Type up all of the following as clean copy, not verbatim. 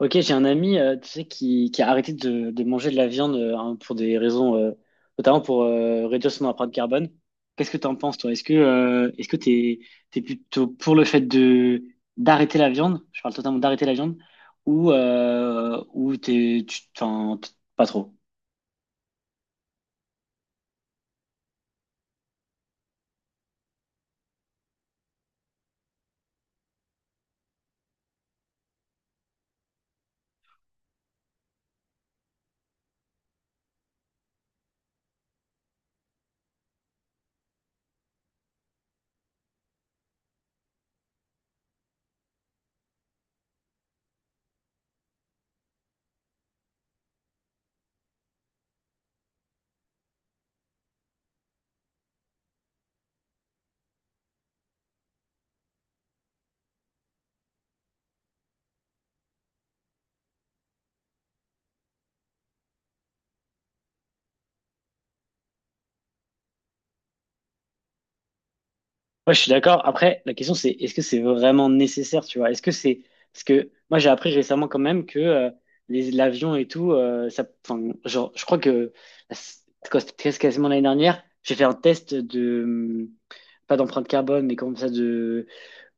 Ok, j'ai un ami, tu sais, qui a arrêté de manger de la viande hein, pour des raisons, notamment pour réduire son empreinte carbone. Qu'est-ce que t'en penses, toi? Est-ce que t'es plutôt pour le fait de d'arrêter la viande? Je parle totalement d'arrêter la viande, ou pas trop? Ouais, je suis d'accord. Après, la question c'est est-ce que c'est vraiment nécessaire, tu vois? Est-ce que c'est parce que moi j'ai appris récemment quand même que les l'avion et tout, ça, enfin, genre, je crois que c'est quoi, c'était quasiment l'année dernière, j'ai fait un test de pas d'empreinte carbone, mais comme ça de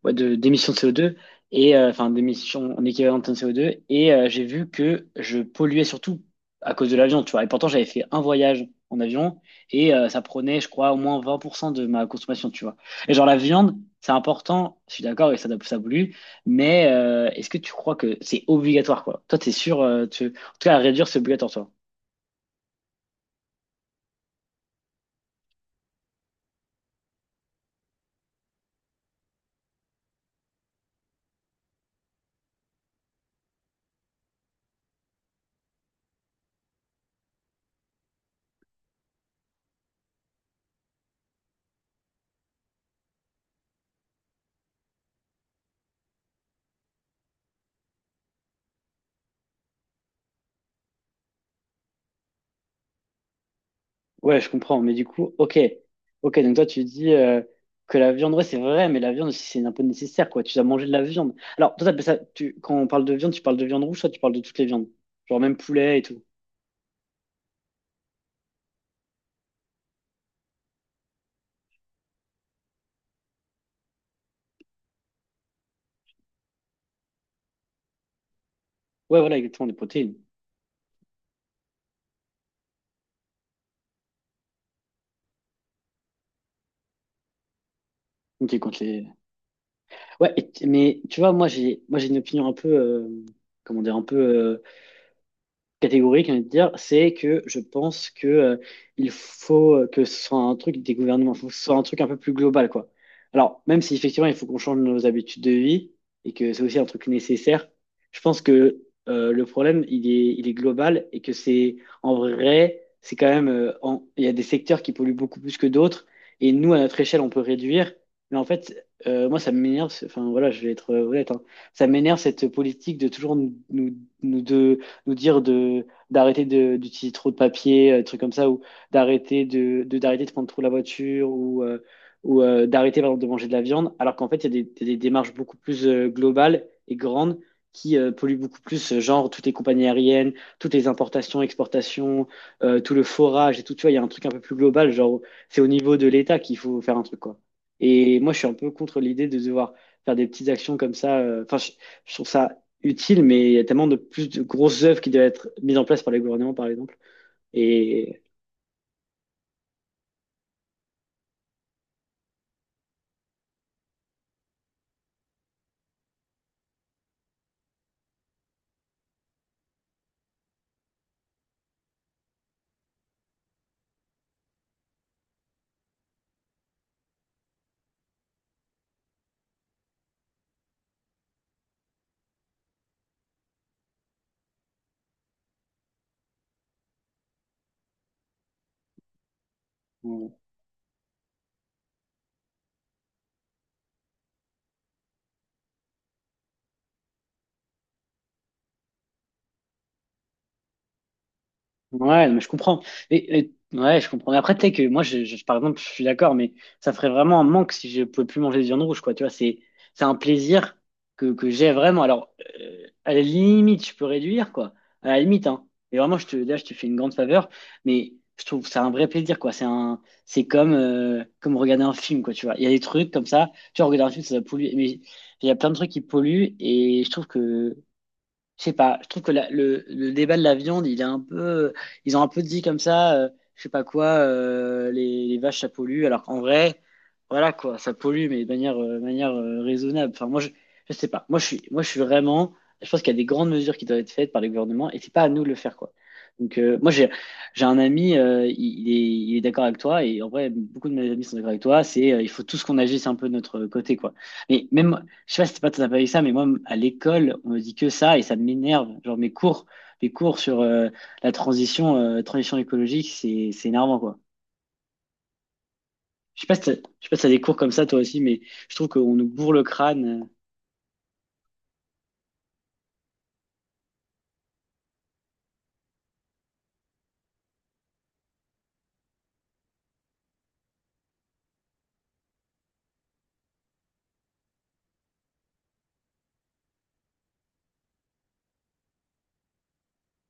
ouais, de, d'émissions de CO2, et, enfin d'émissions en équivalent de tonnes de CO2, j'ai vu que je polluais surtout à cause de l'avion, tu vois. Et pourtant, j'avais fait un voyage en avion, ça prenait, je crois, au moins 20% de ma consommation, tu vois. Et genre la viande, c'est important, je suis d'accord, et ça pollue, mais est-ce que tu crois que c'est obligatoire, quoi? Toi, t'es sûr, en tout cas, à réduire, c'est obligatoire, toi. Ouais, je comprends, mais du coup, ok. Ok, donc toi, tu dis que la viande, ouais, c'est vrai, mais la viande aussi, c'est un peu nécessaire, quoi. Tu dois manger de la viande. Alors, toi, quand on parle de viande, tu parles de viande rouge, toi, tu parles de toutes les viandes. Genre même poulet et tout. Ouais, voilà, exactement, des protéines. Ok, contre les... Ouais, mais tu vois, moi, j'ai une opinion un peu, comment dire, un peu catégorique, j'ai envie de dire, c'est que je pense que il faut que ce soit un truc des gouvernements, faut que ce soit un truc un peu plus global, quoi. Alors, même si effectivement il faut qu'on change nos habitudes de vie et que c'est aussi un truc nécessaire, je pense que le problème il est global et que c'est en vrai, c'est quand même, il y a des secteurs qui polluent beaucoup plus que d'autres et nous à notre échelle on peut réduire, mais en fait moi ça m'énerve, enfin voilà, je vais être honnête, hein. Ça m'énerve cette politique de toujours nous de nous dire d'utiliser trop de papier, trucs comme ça, ou d'arrêter de prendre trop la voiture, ou d'arrêter par exemple de manger de la viande, alors qu'en fait il y a des démarches beaucoup plus globales et grandes qui polluent beaucoup plus, genre toutes les compagnies aériennes, toutes les importations, exportations, tout le forage et tout, tu vois, il y a un truc un peu plus global, genre c'est au niveau de l'État qu'il faut faire un truc quoi. Et moi je suis un peu contre l'idée de devoir faire des petites actions comme ça. Enfin, je trouve ça utile, mais il y a tellement de plus de grosses œuvres qui doivent être mises en place par les gouvernements, par exemple. Et on, Ouais, non, mais je comprends. Ouais, je comprends. Mais après, tu sais que moi, par exemple, je suis d'accord, mais ça ferait vraiment un manque si je pouvais plus manger de viande rouge, quoi. Tu vois, c'est un plaisir que j'ai vraiment. Alors, à la limite, je peux réduire, quoi. À la limite, hein. Et vraiment, je te fais une grande faveur, mais je trouve que c'est un vrai plaisir, quoi. C'est comme regarder un film, quoi. Tu vois, il y a des trucs comme ça. Tu vois, regarder un film, ça va polluer. Mais il y a plein de trucs qui polluent, et je trouve que je sais pas, je trouve que le débat de la viande, il est un peu. Ils ont un peu dit comme ça, je sais pas quoi, les vaches, ça pollue. Alors qu'en vrai, voilà quoi, ça pollue, mais de manière raisonnable. Enfin, moi, je sais pas. Moi, je suis vraiment. Je pense qu'il y a des grandes mesures qui doivent être faites par les gouvernements et c'est pas à nous de le faire quoi. Donc, moi, j'ai un ami, il est d'accord avec toi et en vrai, beaucoup de mes amis sont d'accord avec toi. Il faut tous qu'on agisse un peu de notre côté quoi. Mais même, je sais pas si c'est pas tout à fait ça, mais moi, à l'école, on me dit que ça et ça m'énerve. Genre mes cours sur la transition écologique, c'est énervant quoi. Je sais pas si t'as des cours comme ça toi aussi, mais je trouve qu'on nous bourre le crâne.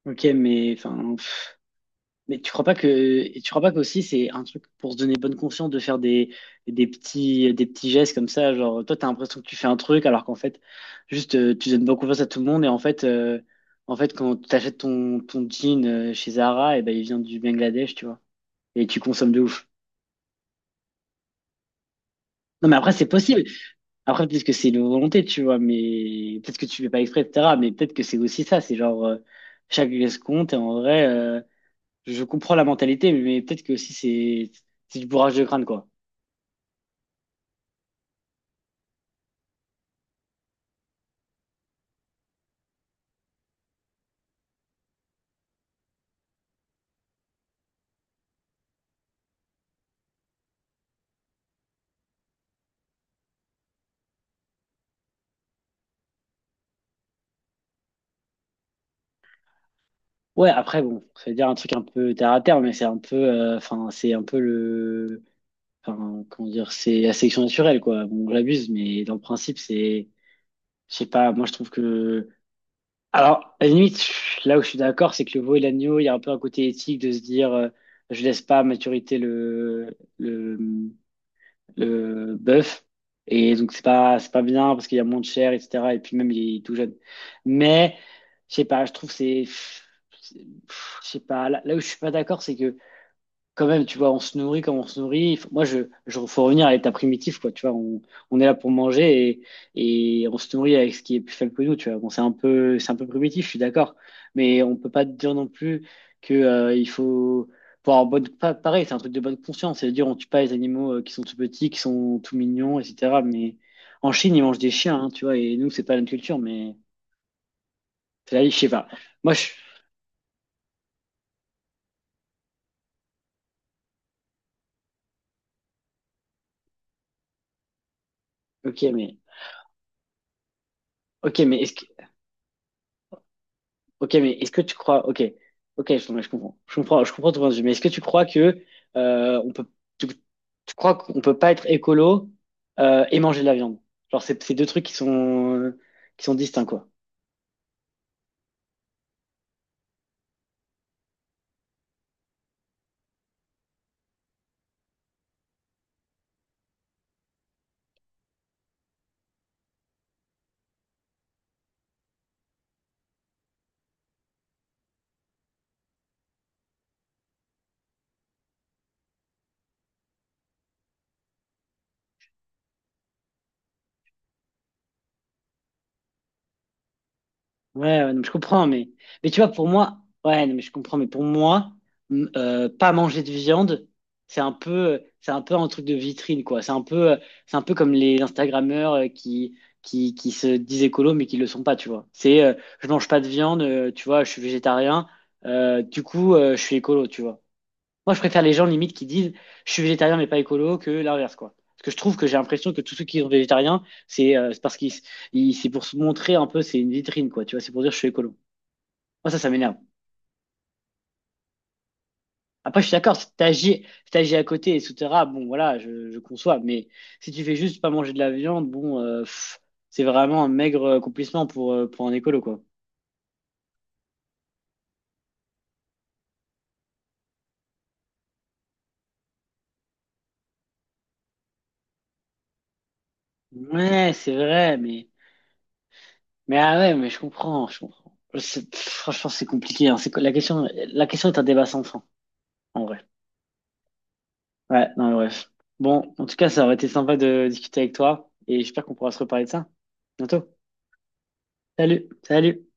Ok, mais enfin. Mais tu crois pas que et tu crois pas qu'aussi c'est un truc pour se donner bonne conscience de faire des petits gestes comme ça, genre toi t'as l'impression que tu fais un truc alors qu'en fait juste tu donnes bonne confiance à tout le monde et en fait quand tu achètes ton jean chez Zara et ben il vient du Bangladesh, tu vois. Et tu consommes de ouf. Non mais après c'est possible. Après peut-être que c'est une volonté, tu vois, mais peut-être que tu fais pas exprès, etc. Mais peut-être que c'est aussi ça, c'est genre chaque geste compte et en vrai. Je comprends la mentalité, mais peut-être que aussi c'est du bourrage de crâne, quoi. Ouais, après, bon, ça veut dire un truc un peu terre à terre, mais c'est un peu, enfin, c'est un peu enfin, comment dire, c'est la sélection naturelle, quoi. Bon, j'abuse, mais dans le principe, je sais pas, moi je trouve que, alors, à la limite, là où je suis d'accord, c'est que le veau et l'agneau, il y a un peu un côté éthique de se dire, je laisse pas à maturité le bœuf. Et donc, c'est pas bien parce qu'il y a moins de chair, etc. Et puis même, il est tout jeune. Mais, je sais pas, je trouve que c'est. c'est- Je sais pas, là où je suis pas d'accord, c'est que quand même, tu vois, on se nourrit comme on se nourrit. Moi, faut revenir à l'état primitif, quoi. Tu vois, on est là pour manger et on se nourrit avec ce qui est plus faible que nous, tu vois. Bon, c'est un peu primitif, je suis d'accord. Mais on peut pas dire non plus que, il faut, pour avoir bonne, pareil, c'est un truc de bonne conscience. C'est-à-dire, on tue pas les animaux qui sont tout petits, qui sont tout mignons, etc. Mais en Chine, ils mangent des chiens, hein, tu vois. Et nous, c'est pas notre culture, mais c'est je sais pas. Moi, je, ok, mais, ok, mais est-ce Ok, mais est-ce que tu crois, ok, ok, non, je comprends ton point de vue, mais est-ce que tu crois que euh, on peut, tu, tu crois qu'on peut pas être écolo et manger de la viande? Genre, c'est deux trucs qui sont distincts, quoi. Ouais, ouais, non, mais je comprends, mais tu vois, pour moi, ouais, non, mais je comprends, mais pour moi, pas manger de viande, c'est un peu un truc de vitrine, quoi. C'est un peu comme les Instagrammeurs qui se disent écolo, mais qui le sont pas, tu vois. Je mange pas de viande, tu vois, je suis végétarien, du coup, je suis écolo, tu vois. Moi, je préfère les gens limite qui disent je suis végétarien mais pas écolo que l'inverse, quoi. Parce que je trouve que j'ai l'impression que tous ceux qui sont végétariens, c'est c'est pour se montrer un peu, c'est une vitrine, quoi. Tu vois, c'est pour dire je suis écolo. Moi, ça m'énerve. Après, je suis d'accord, si t'agis à côté, et etc., bon, voilà, je conçois. Mais si tu fais juste pas manger de la viande, bon, pff, c'est vraiment un maigre accomplissement pour un écolo, quoi. Ouais, c'est vrai, mais, ah ouais, mais je comprends. Pff, franchement, c'est compliqué, hein. C'est, que la question est un débat sans fin, en vrai. Ouais, non, mais bref. Bon, en tout cas, ça aurait été sympa de discuter avec toi et j'espère qu'on pourra se reparler de ça. Bientôt. Salut, salut.